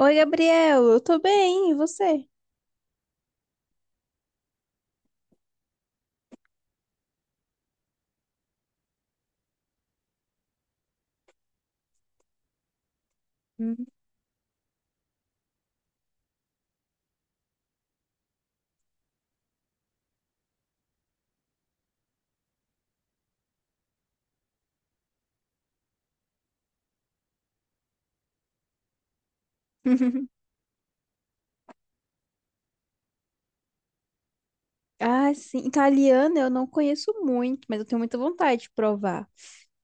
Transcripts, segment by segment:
Oi, Gabriel, eu tô bem, e você? Hum. Ah, sim, italiana eu não conheço muito, mas eu tenho muita vontade de provar.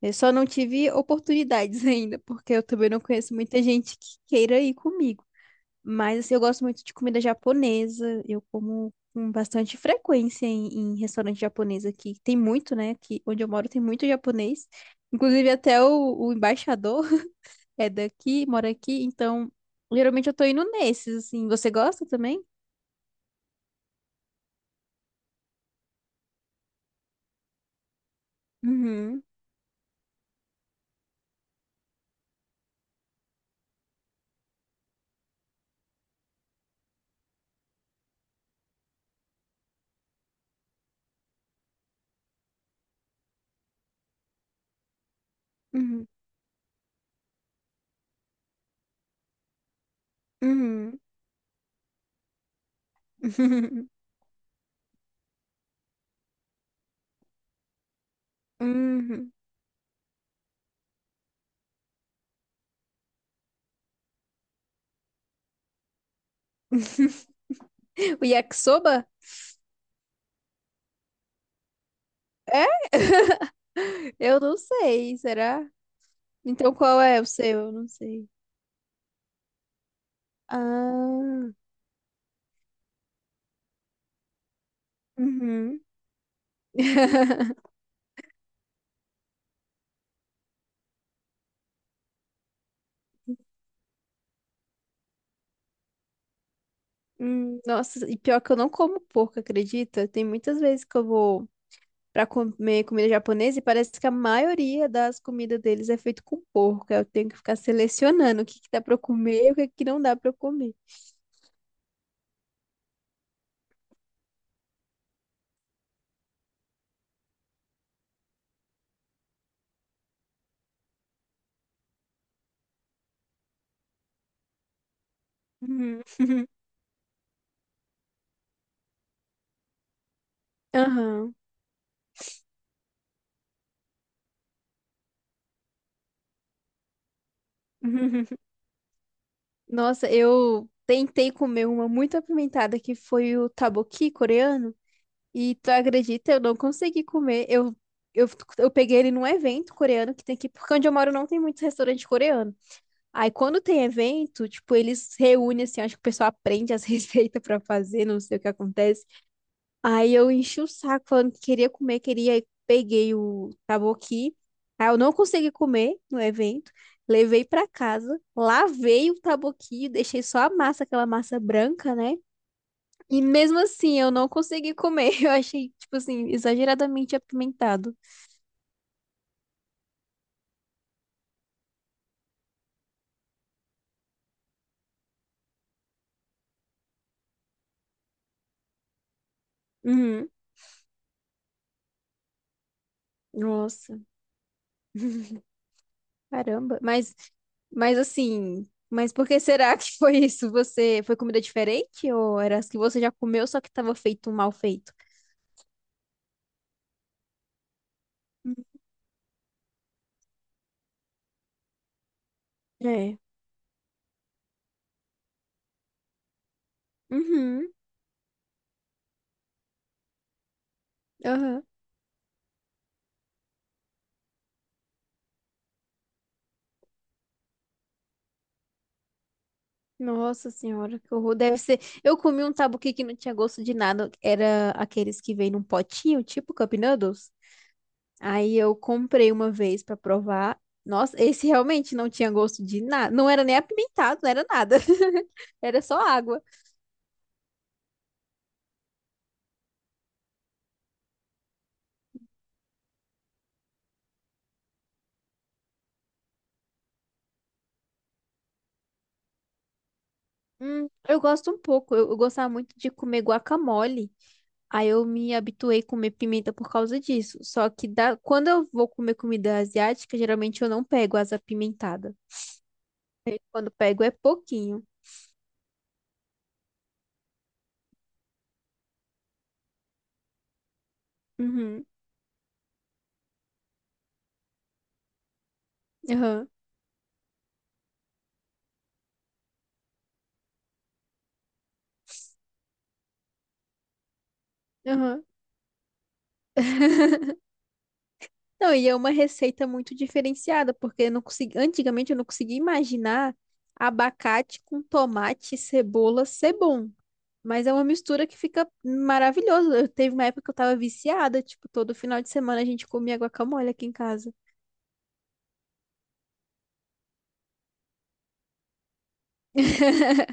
Eu só não tive oportunidades ainda, porque eu também não conheço muita gente que queira ir comigo. Mas assim, eu gosto muito de comida japonesa, eu como com bastante frequência em restaurante japonês aqui. Tem muito, né? Aqui onde eu moro tem muito japonês. Inclusive até o embaixador é daqui, mora aqui, então geralmente eu tô indo nesses, assim. Você gosta também? Uhum, uhum, uhum, uhum. O yakisoba? É? Eu não sei, será? Então qual é o seu? Eu não sei. Ah, uhum. Nossa, e pior que eu não como porco, acredita? Tem muitas vezes que eu vou para comer comida japonesa e parece que a maioria das comidas deles é feito com porco. Aí eu tenho que ficar selecionando o que que dá para eu comer e o que que não dá para eu comer. Uhum. Aham. Nossa, eu tentei comer uma muito apimentada que foi o taboqui coreano e tu acredita, eu não consegui comer. Eu, eu peguei ele num evento coreano que tem aqui, porque onde eu moro não tem muitos restaurantes coreanos. Aí quando tem evento, tipo, eles reúnem assim, acho que o pessoal aprende as receitas pra fazer, não sei o que acontece. Aí eu enchi o saco falando que queria comer, queria, aí peguei o taboqui. Aí eu não consegui comer no evento, levei pra casa, lavei o taboqui, deixei só a massa, aquela massa branca, né? E mesmo assim eu não consegui comer. Eu achei, tipo assim, exageradamente apimentado. Uhum. Nossa. Caramba. Mas assim, mas por que será que foi isso? Você foi comida diferente ou era as que você já comeu, só que tava feito um mal feito? Hum. É. Uhum. Aham. Nossa senhora, que horror. Deve ser. Eu comi um tabuqui que não tinha gosto de nada. Era aqueles que vêm num potinho, tipo Cup Noodles. Aí eu comprei uma vez pra provar. Nossa, esse realmente não tinha gosto de nada. Não era nem apimentado, não era nada. Era só água. Eu gosto um pouco. Eu gostava muito de comer guacamole. Aí eu me habituei a comer pimenta por causa disso. Só que quando eu vou comer comida asiática, geralmente eu não pego as apimentadas. Quando pego é pouquinho. Uhum, aham, aham. Não, e é uma receita muito diferenciada, porque eu não consegui, antigamente eu não conseguia imaginar abacate com tomate e cebola ser bom. Mas é uma mistura que fica maravilhosa. Eu teve uma época que eu tava viciada, tipo, todo final de semana a gente comia guacamole aqui em casa.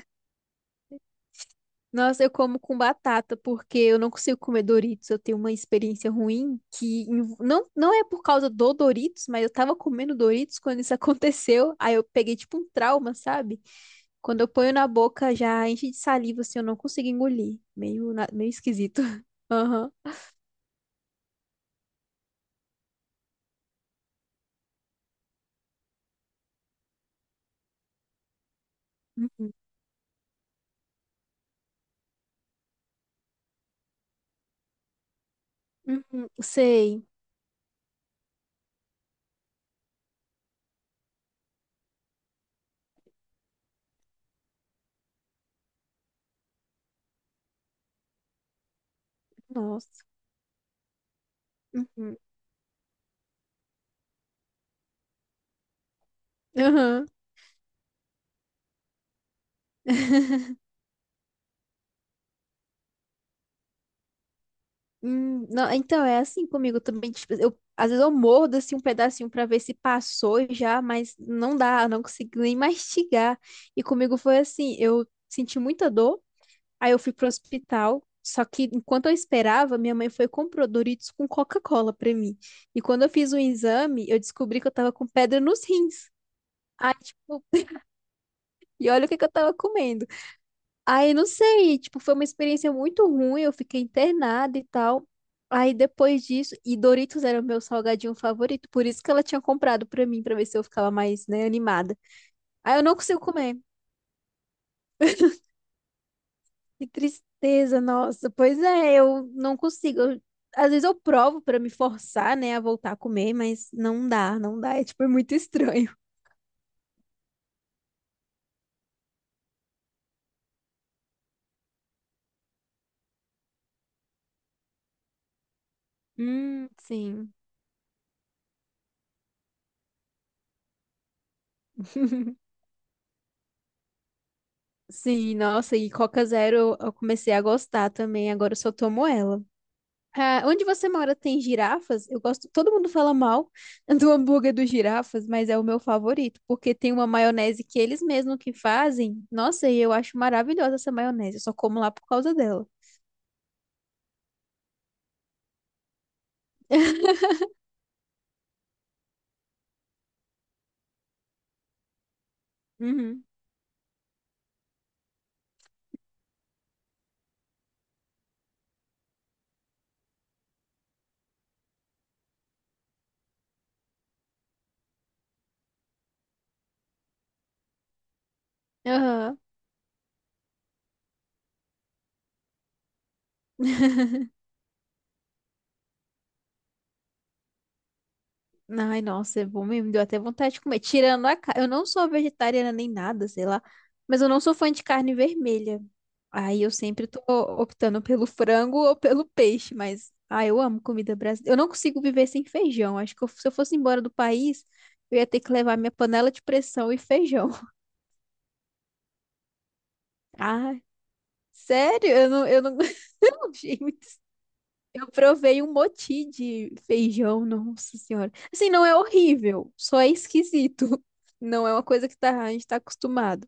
Nossa, eu como com batata, porque eu não consigo comer Doritos. Eu tenho uma experiência ruim não, não é por causa do Doritos, mas eu tava comendo Doritos quando isso aconteceu. Aí eu peguei tipo um trauma, sabe? Quando eu ponho na boca, já enche de saliva, assim, eu não consigo engolir. Meio, meio esquisito. Aham. Uhum. Uhum. Sei. Nossa. Uhum. Aham. Não, então é assim comigo também. Tipo, às vezes eu mordo assim um pedacinho pra ver se passou já, mas não dá, eu não consigo nem mastigar. E comigo foi assim, eu senti muita dor. Aí eu fui pro hospital. Só que enquanto eu esperava, minha mãe foi e comprou Doritos com Coca-Cola pra mim. E quando eu fiz o exame, eu descobri que eu tava com pedra nos rins. Aí, tipo, e olha o que que eu tava comendo. Aí, não sei, tipo, foi uma experiência muito ruim, eu fiquei internada e tal. Aí depois disso, e Doritos era o meu salgadinho favorito, por isso que ela tinha comprado pra mim, pra ver se eu ficava mais, né, animada. Aí eu não consigo comer. Que tristeza, nossa. Pois é, eu não consigo. Às vezes eu provo pra me forçar, né, a voltar a comer, mas não dá, não dá. É tipo, é muito estranho. Sim. Sim, nossa, e Coca Zero eu comecei a gostar também, agora eu só tomo ela. Ah, onde você mora tem girafas? Eu gosto, todo mundo fala mal do hambúrguer dos girafas, mas é o meu favorito, porque tem uma maionese que eles mesmos que fazem. Nossa, e eu acho maravilhosa essa maionese, eu só como lá por causa dela. Uhum. Aham. Ai, nossa, é bom mesmo. Me deu até vontade de comer. Tirando a carne. Eu não sou vegetariana nem nada, sei lá. Mas eu não sou fã de carne vermelha. Aí eu sempre tô optando pelo frango ou pelo peixe. Mas, ah, eu amo comida brasileira. Eu não consigo viver sem feijão. Acho que se eu fosse embora do país, eu ia ter que levar minha panela de pressão e feijão. Ah, sério? Eu não, eu não achei. Eu provei um moti de feijão, nossa senhora. Assim, não é horrível, só é esquisito. Não é uma coisa que a gente tá acostumado.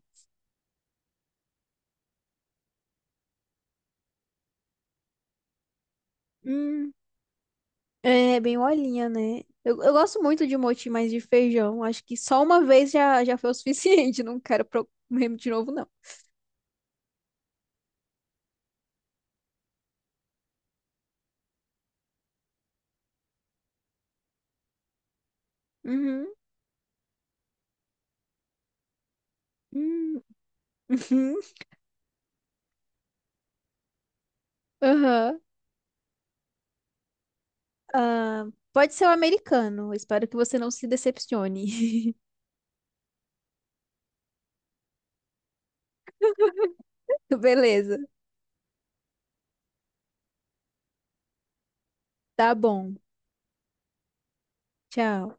Hum, é bem olhinha, né? Eu gosto muito de moti, mas de feijão. Acho que só uma vez já foi o suficiente. Não quero comer de novo, não. Uhum, hum, uhum, aham. Ah, pode ser o americano. Espero que você não se decepcione. Beleza. Tá bom. Tchau.